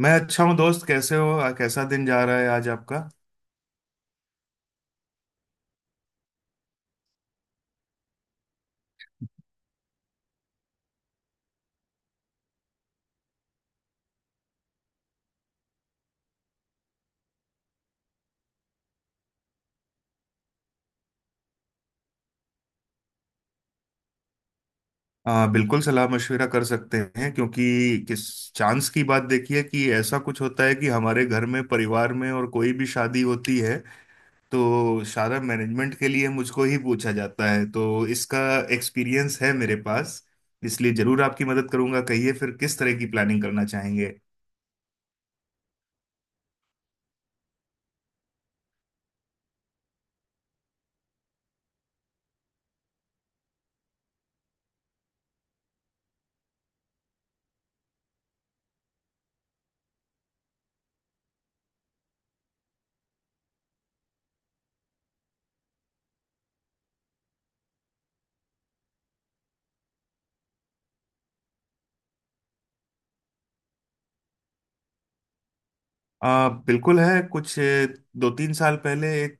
मैं अच्छा हूँ दोस्त। कैसे हो कैसा दिन जा रहा है आज आपका। बिल्कुल सलाह मशविरा कर सकते हैं क्योंकि किस चांस की बात, देखिए कि ऐसा कुछ होता है कि हमारे घर में परिवार में और कोई भी शादी होती है तो सारा मैनेजमेंट के लिए मुझको ही पूछा जाता है। तो इसका एक्सपीरियंस है मेरे पास, इसलिए जरूर आपकी मदद करूंगा। कहिए फिर किस तरह की प्लानिंग करना चाहेंगे। बिल्कुल है कुछ। दो तीन साल पहले एक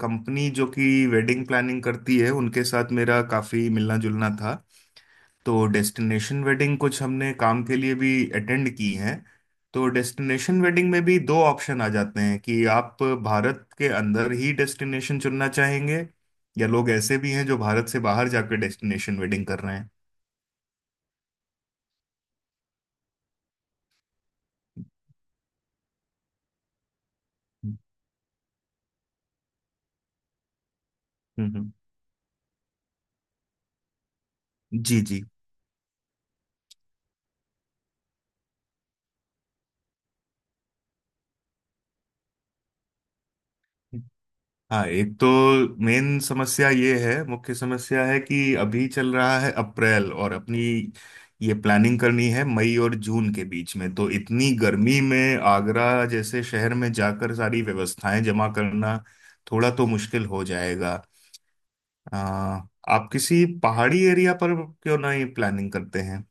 कंपनी जो कि वेडिंग प्लानिंग करती है, उनके साथ मेरा काफ़ी मिलना जुलना था। तो डेस्टिनेशन वेडिंग कुछ हमने काम के लिए भी अटेंड की हैं। तो डेस्टिनेशन वेडिंग में भी दो ऑप्शन आ जाते हैं कि आप भारत के अंदर ही डेस्टिनेशन चुनना चाहेंगे या लोग ऐसे भी हैं जो भारत से बाहर जाकर डेस्टिनेशन वेडिंग कर रहे हैं। हम्म, हम्म। जी जी। हाँ, एक तो मेन समस्या ये है, मुख्य समस्या है कि अभी चल रहा है अप्रैल और अपनी ये प्लानिंग करनी है मई और जून के बीच में। तो इतनी गर्मी में आगरा जैसे शहर में जाकर सारी व्यवस्थाएं जमा करना थोड़ा तो मुश्किल हो जाएगा। आ, आप किसी पहाड़ी एरिया पर क्यों नहीं प्लानिंग करते हैं।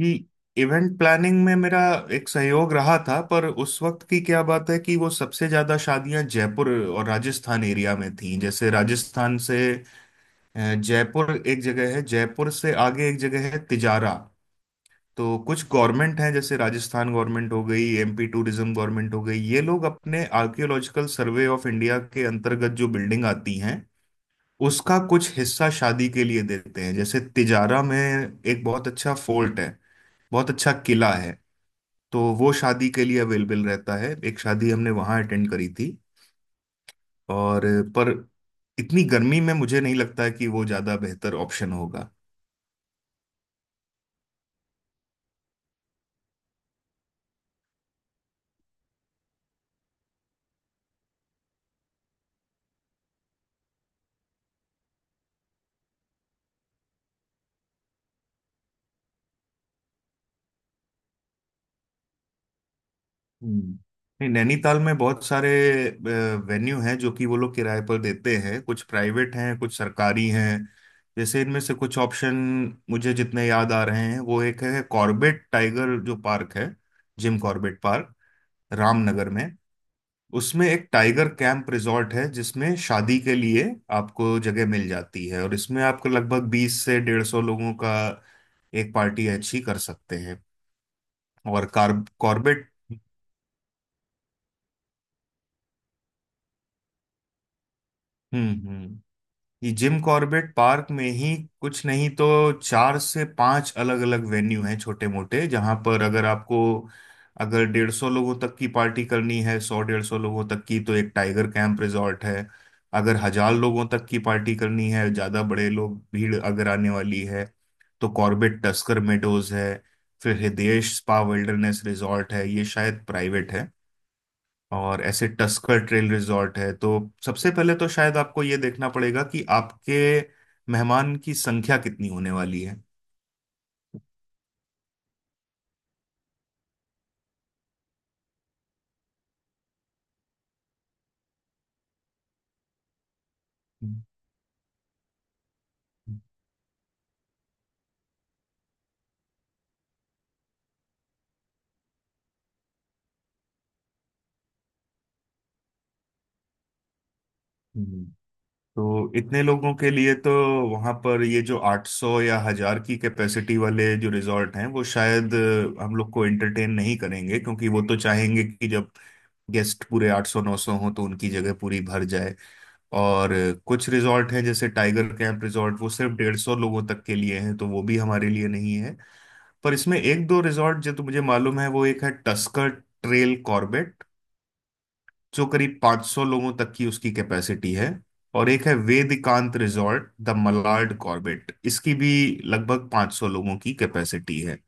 कि इवेंट प्लानिंग में मेरा एक सहयोग रहा था, पर उस वक्त की क्या बात है कि वो सबसे ज्यादा शादियां जयपुर और राजस्थान एरिया में थीं। जैसे राजस्थान से अ, जयपुर एक जगह है, जयपुर से आगे एक जगह है तिजारा। तो कुछ गवर्नमेंट हैं, जैसे राजस्थान गवर्नमेंट हो गई, एमपी टूरिज्म गवर्नमेंट हो गई, ये लोग अपने आर्कियोलॉजिकल सर्वे ऑफ इंडिया के अंतर्गत जो बिल्डिंग आती हैं उसका कुछ हिस्सा शादी के लिए देते हैं। जैसे तिजारा में एक बहुत अच्छा फोर्ट है, बहुत अच्छा किला है। तो वो शादी के लिए अवेलेबल रहता है, एक शादी हमने वहाँ अटेंड करी थी और पर इतनी गर्मी में मुझे नहीं लगता है कि वो ज़्यादा बेहतर ऑप्शन होगा। हम्म। नहीं, नैनीताल में बहुत सारे वेन्यू हैं जो कि वो लोग किराए पर देते हैं, कुछ प्राइवेट हैं कुछ सरकारी हैं। जैसे इनमें से कुछ ऑप्शन मुझे जितने याद आ रहे हैं, वो एक है कॉर्बेट टाइगर जो पार्क है, जिम कॉर्बेट पार्क, रामनगर में। उसमें एक टाइगर कैंप रिजॉर्ट है जिसमें शादी के लिए आपको जगह मिल जाती है और इसमें आपको लगभग 20 से 150 लोगों का एक पार्टी अच्छी कर सकते हैं। और कार कॉर्बेट। Hmm, hmm. ये जिम कॉर्बेट पार्क में ही कुछ नहीं तो चार से पांच अलग अलग वेन्यू हैं छोटे मोटे, जहां पर अगर आपको अगर 150 लोगों तक की पार्टी करनी है, 100 150 लोगों तक की, तो एक टाइगर कैंप रिजॉर्ट है। अगर 1000 लोगों तक की पार्टी करनी है, ज्यादा बड़े लोग भीड़ अगर आने वाली है, तो कॉर्बेट टस्कर मेडोज है। फिर हृदयेश स्पा विल्डरनेस रिजॉर्ट है, ये शायद प्राइवेट है। और ऐसे टस्कर ट्रेल रिजॉर्ट है। तो सबसे पहले तो शायद आपको ये देखना पड़ेगा कि आपके मेहमान की संख्या कितनी होने वाली है। हम्म। हम्म। तो इतने लोगों के लिए तो वहां पर ये जो 800 या हजार की कैपेसिटी वाले जो रिजॉर्ट हैं वो शायद हम लोग को एंटरटेन नहीं करेंगे क्योंकि वो तो चाहेंगे कि जब गेस्ट पूरे 800 900 हो तो उनकी जगह पूरी भर जाए। और कुछ रिजॉर्ट हैं जैसे टाइगर कैंप रिजॉर्ट, वो सिर्फ 150 लोगों तक के लिए हैं, तो वो भी हमारे लिए नहीं है। पर इसमें एक दो रिजॉर्ट जो तो मुझे मालूम है, वो एक है टस्कर ट्रेल कॉर्बेट जो करीब 500 लोगों तक की उसकी कैपेसिटी है। और एक है Vedikant resort the Malad Corbett, इसकी भी लगभग 500 लोगों की कैपेसिटी है।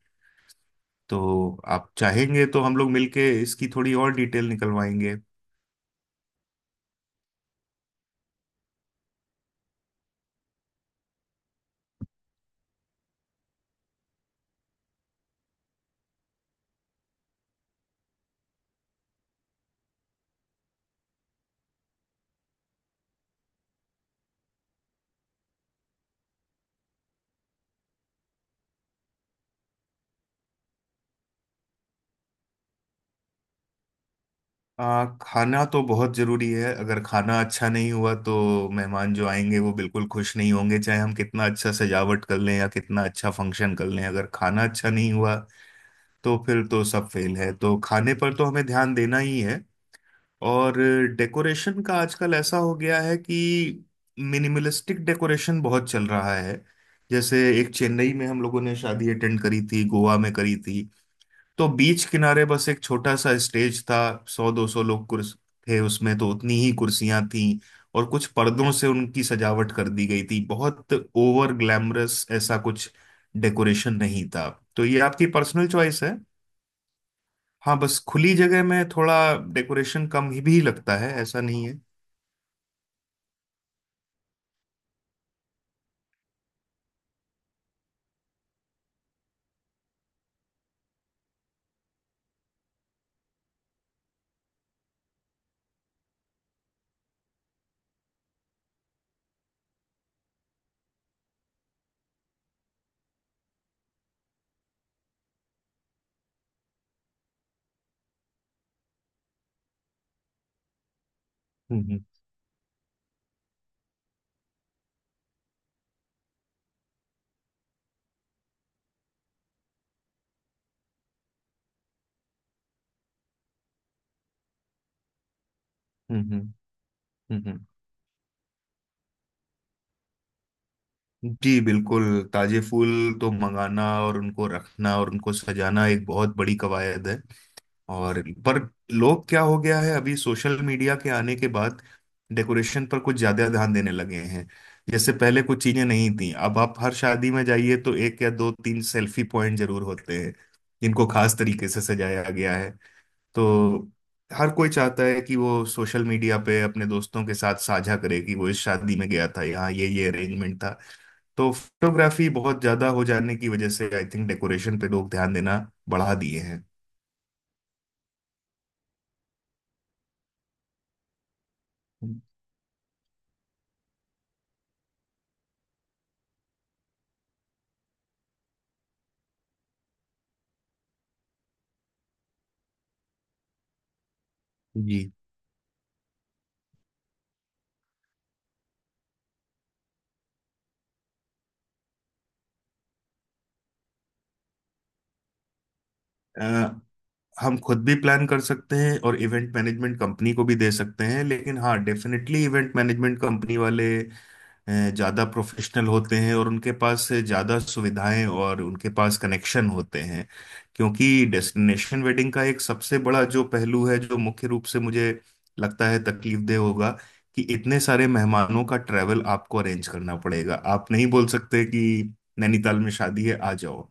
तो आप चाहेंगे तो हम लोग मिलके इसकी थोड़ी और डिटेल निकलवाएंगे। खाना तो बहुत जरूरी है। अगर खाना अच्छा नहीं हुआ तो मेहमान जो आएंगे वो बिल्कुल खुश नहीं होंगे, चाहे हम कितना अच्छा सजावट कर लें या कितना अच्छा फंक्शन कर लें, अगर खाना अच्छा नहीं हुआ तो फिर तो सब फेल है। तो खाने पर तो हमें ध्यान देना ही है। और डेकोरेशन का आजकल ऐसा हो गया है कि मिनिमलिस्टिक डेकोरेशन बहुत चल रहा है। जैसे एक चेन्नई में हम लोगों ने शादी अटेंड करी थी, गोवा में करी थी। तो बीच किनारे बस एक छोटा सा स्टेज था, 100 200 लोग कुर्स थे उसमें, तो उतनी ही कुर्सियां थीं और कुछ पर्दों से उनकी सजावट कर दी गई थी। बहुत ओवर ग्लैमरस ऐसा कुछ डेकोरेशन नहीं था। तो ये आपकी पर्सनल चॉइस है। हाँ, बस खुली जगह में थोड़ा डेकोरेशन कम ही भी लगता है, ऐसा नहीं है। हम्म, हम्म, हम्म, हम्म, जी बिल्कुल। ताजे फूल तो मंगाना और उनको रखना और उनको सजाना एक बहुत बड़ी कवायद है। और पर लोग क्या हो गया है, अभी सोशल मीडिया के आने के बाद डेकोरेशन पर कुछ ज्यादा ध्यान देने लगे हैं। जैसे पहले कुछ चीजें नहीं थी, अब आप हर शादी में जाइए तो एक या दो तीन सेल्फी पॉइंट जरूर होते हैं जिनको खास तरीके से सजाया गया है। तो हर कोई चाहता है कि वो सोशल मीडिया पे अपने दोस्तों के साथ साझा करे कि वो इस शादी में गया था, यहाँ ये अरेंजमेंट था। तो फोटोग्राफी बहुत ज्यादा हो जाने की वजह से आई थिंक डेकोरेशन पे लोग ध्यान देना बढ़ा दिए हैं। जी। हम खुद भी प्लान कर सकते हैं और इवेंट मैनेजमेंट कंपनी को भी दे सकते हैं, लेकिन हाँ डेफिनेटली इवेंट मैनेजमेंट कंपनी वाले ज़्यादा प्रोफेशनल होते हैं और उनके पास ज़्यादा सुविधाएं और उनके पास कनेक्शन होते हैं। क्योंकि डेस्टिनेशन वेडिंग का एक सबसे बड़ा जो पहलू है जो मुख्य रूप से मुझे लगता है तकलीफदेह होगा कि इतने सारे मेहमानों का ट्रैवल आपको अरेंज करना पड़ेगा। आप नहीं बोल सकते कि नैनीताल में शादी है आ जाओ।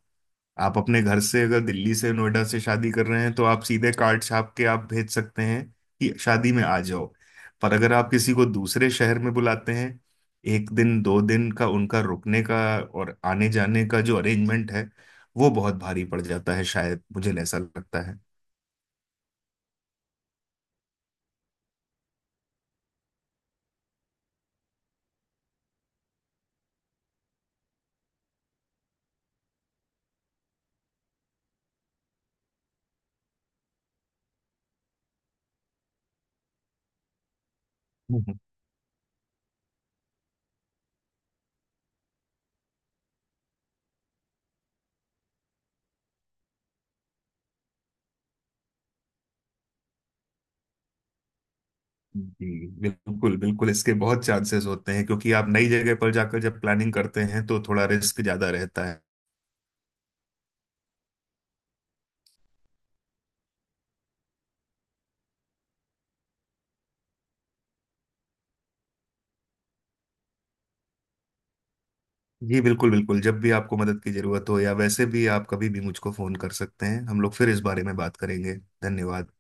आप अपने घर से अगर दिल्ली से नोएडा से छादी कर रहे हैं तो आप सीधे कार्ड छाप के आप भेज सकते हैं कि शादी में आ जाओ। पर अगर आप किसी को दूसरे शहर में बुलाते हैं, एक दिन दो दिन का उनका रुकने का और आने जाने का जो अरेंजमेंट है, वो बहुत भारी पड़ जाता है, शायद मुझे ऐसा लगता है। हम्म। जी बिल्कुल बिल्कुल, इसके बहुत चांसेस होते हैं क्योंकि आप नई जगह पर जाकर जब प्लानिंग करते हैं तो थोड़ा रिस्क ज्यादा रहता। जी बिल्कुल बिल्कुल, जब भी आपको मदद की जरूरत हो या वैसे भी आप कभी भी मुझको फोन कर सकते हैं, हम लोग फिर इस बारे में बात करेंगे। धन्यवाद।